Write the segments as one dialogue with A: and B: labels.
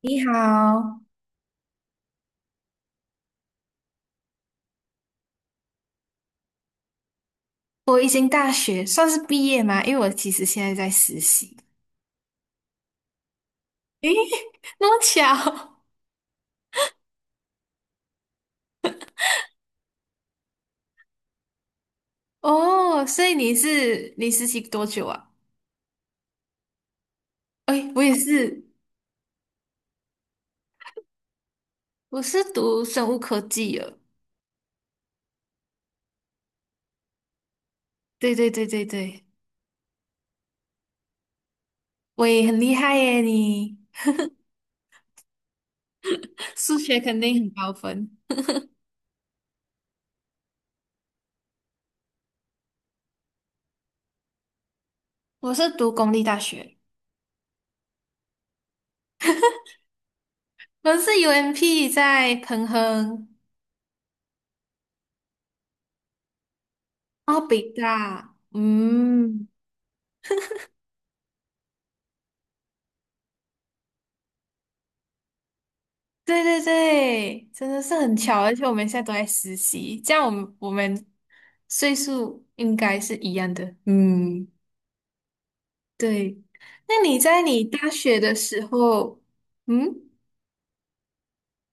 A: 你好，我已经大学算是毕业吗？因为我其实现在在实习。诶，那么巧哦，所以你是你实习多久啊？哎，我也是，我是读生物科技的。对对对对对，我也很厉害耶！你 数学肯定很高分。我是读公立大学，我是 UMP 在彭亨，哦，北大，嗯。对对对，真的是很巧，而且我们现在都在实习，这样我们岁数应该是一样的。嗯，对。那你在你大学的时候，嗯，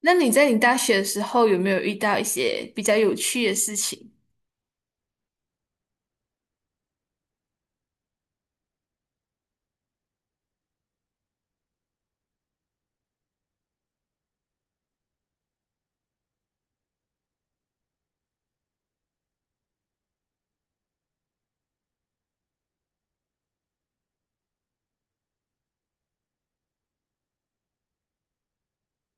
A: 那你在你大学的时候有没有遇到一些比较有趣的事情？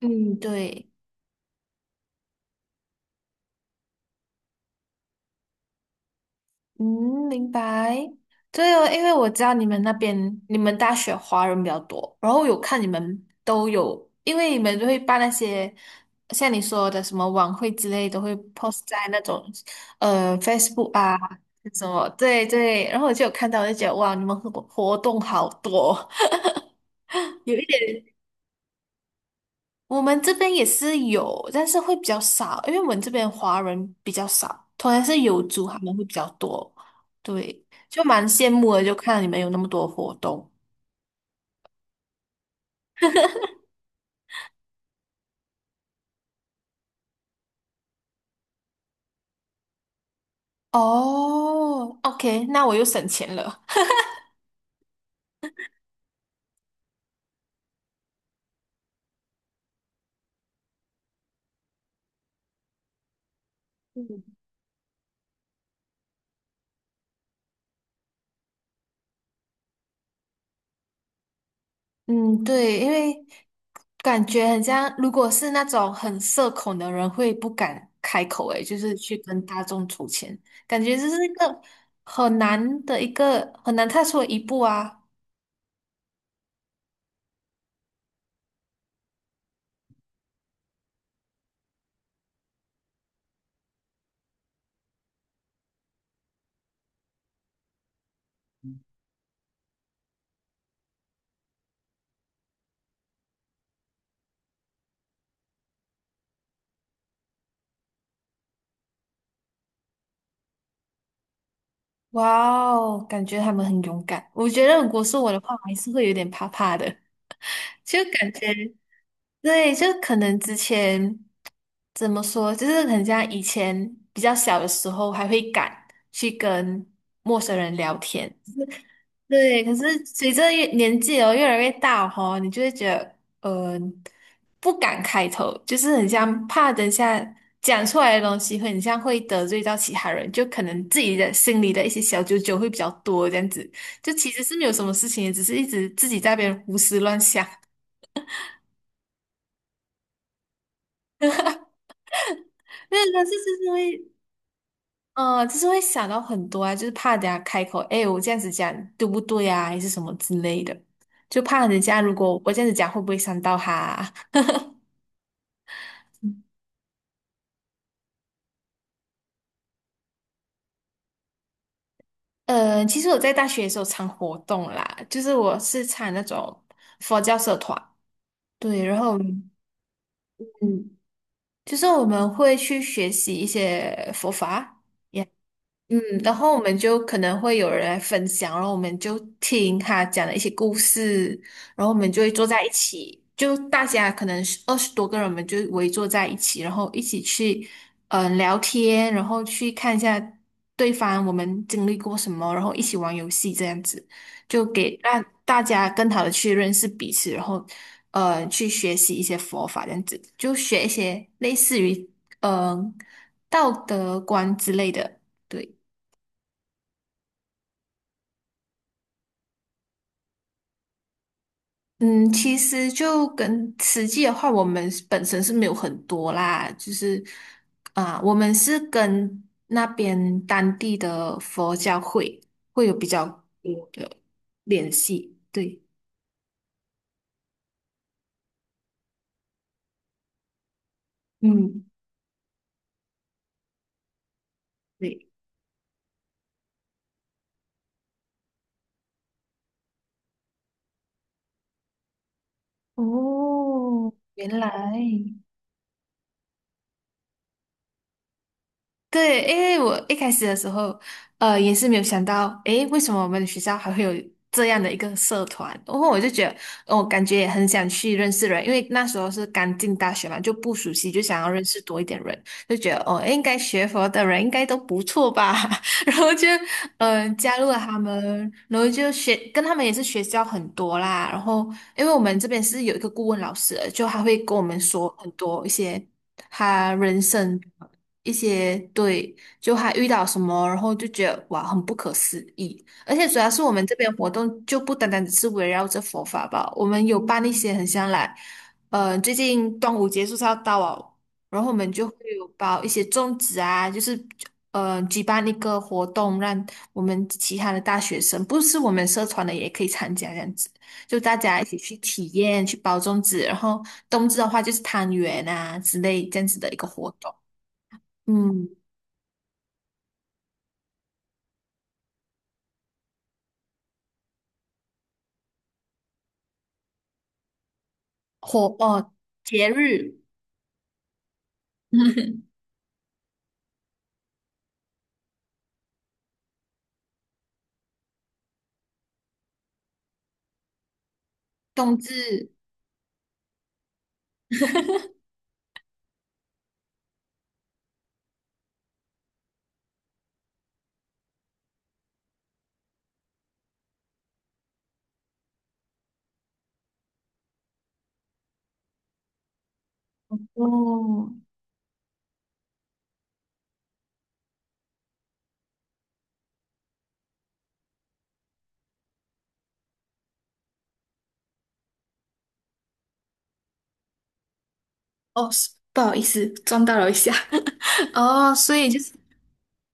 A: 嗯，对。嗯，明白。对哦，因为我知道你们那边你们大学华人比较多，然后有看你们都有，因为你们都会办那些像你说的什么晚会之类，都会 post 在那种Facebook 啊什么，对对。然后我就有看到，我就觉得哇，你们活动好多，有一点。我们这边也是有，但是会比较少，因为我们这边华人比较少，同样是有族他们会比较多，对，就蛮羡慕的，就看到你们有那么多活动。哦，OK，那我又省钱了。嗯，嗯，对，因为感觉很像，如果是那种很社恐的人，会不敢开口，诶，就是去跟大众筹钱，感觉这是一个很难的一个很难踏出的一步啊。哇哦，感觉他们很勇敢。我觉得如果是我的话，我还是会有点怕怕的，就感觉对，就可能之前怎么说，就是很像以前比较小的时候，还会敢去跟陌生人聊天，对，可是随着越年纪哦越来越大哦，你就会觉得，呃，不敢开头，就是很像怕等下讲出来的东西会很像会得罪到其他人，就可能自己的心里的一些小九九会比较多这样子。就其实是没有什么事情，只是一直自己在那边胡思乱想。因为但是就是会，就是会想到很多啊，就是怕等下开口，哎，我这样子讲对不对啊，还是什么之类的，就怕人家如果我这样子讲会不会伤到他啊其实我在大学的时候常活动啦，就是我是参那种佛教社团，对，然后嗯，就是我们会去学习一些佛法，嗯，然后我们就可能会有人来分享，然后我们就听他讲的一些故事，然后我们就会坐在一起，就大家可能是二十多个人，我们就围坐在一起，然后一起去聊天，然后去看一下对方我们经历过什么，然后一起玩游戏这样子，就给让大家更好的去认识彼此，然后去学习一些佛法这样子，就学一些类似于嗯、呃道德观之类的，对。嗯，其实就跟实际的话，我们是本身是没有很多啦，就是啊、我们是跟那边当地的佛教会会有比较多的联系，对，嗯，对，哦，原来。对，因为我一开始的时候，也是没有想到，诶，为什么我们的学校还会有这样的一个社团？然后我就觉得，我感觉也很想去认识人，因为那时候是刚进大学嘛，就不熟悉，就想要认识多一点人，就觉得哦，诶应该学佛的人应该都不错吧，然后就加入了他们，然后就学跟他们也是学交很多啦，然后因为我们这边是有一个顾问老师的就他会跟我们说很多一些他人生。一些对，就还遇到什么，然后就觉得哇，很不可思议。而且主要是我们这边活动就不单单只是围绕着佛法吧，我们有办一些很像来，最近端午节就是要到哦，然后我们就会有包一些粽子啊，就是举办一个活动，让我们其他的大学生，不是我们社团的也可以参加这样子，就大家一起去体验，去包粽子，然后冬至的话就是汤圆啊之类这样子的一个活动。嗯，活哦，节日，冬至，哦哦，是不好意思，撞到了一下。哦，所以就是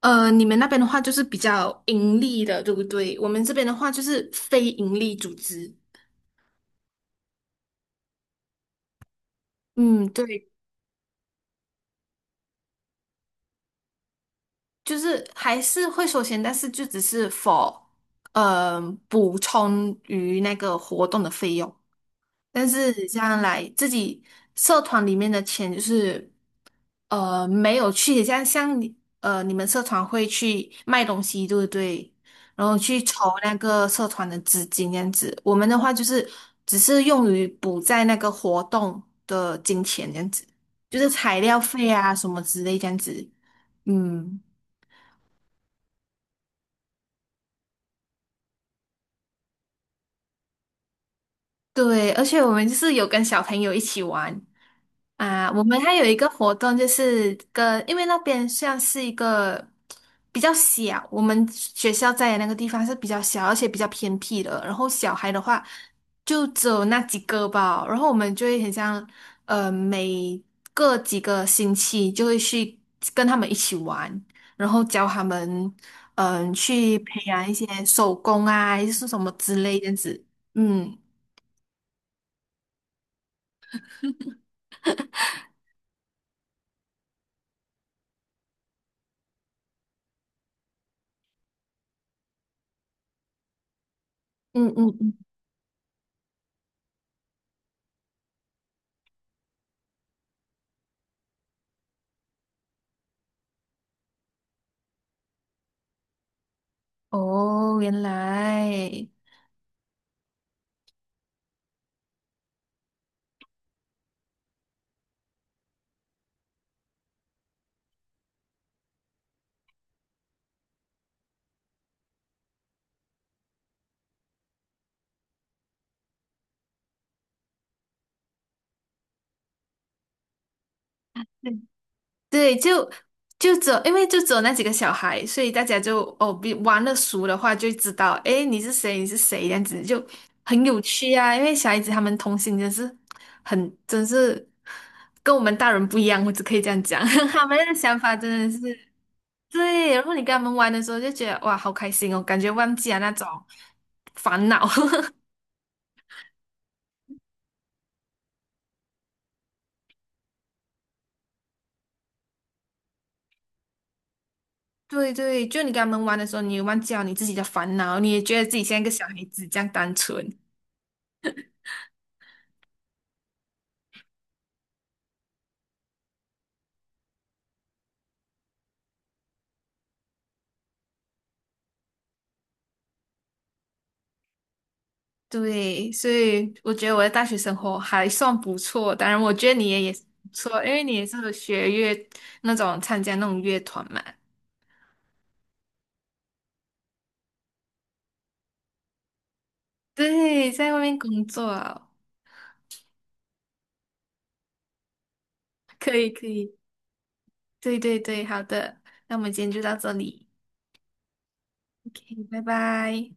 A: 你们那边的话就是比较盈利的，对不对？我们这边的话就是非盈利组织。嗯，对，就是还是会收钱，但是就只是 for 呃补充于那个活动的费用。但是这样来自己社团里面的钱就是。没有去，像你你们社团会去卖东西，对不对？然后去筹那个社团的资金这样子。我们的话就是只是用于补在那个活动的金钱这样子，就是材料费啊什么之类这样子。嗯，对，而且我们就是有跟小朋友一起玩。啊，我们还有一个活动，就是跟，因为那边像是一个比较小，我们学校在的那个地方是比较小，而且比较偏僻的。然后小孩的话，就只有那几个吧。然后我们就会很像，每个几个星期就会去跟他们一起玩，然后教他们，去培养一些手工啊，还是什么之类这样子。嗯嗯嗯嗯，哦，原来。对，就只有因为就只有那几个小孩，所以大家就哦，比玩的熟的话就知道，诶，你是谁，你是谁，这样子就很有趣啊。因为小孩子他们童心真是很，真是跟我们大人不一样，我只可以这样讲，他们的想法真的是对。然后你跟他们玩的时候就觉得哇，好开心哦，感觉忘记了那种烦恼。对对，就你跟他们玩的时候，你也忘记了你自己的烦恼，你也觉得自己像一个小孩子这样单纯。对，所以我觉得我的大学生活还算不错。当然，我觉得你也也是不错，因为你也是学乐那种参加那种乐团嘛。对，在外面工作啊可以可以，对对对，好的，那我们今天就到这里，OK，拜拜。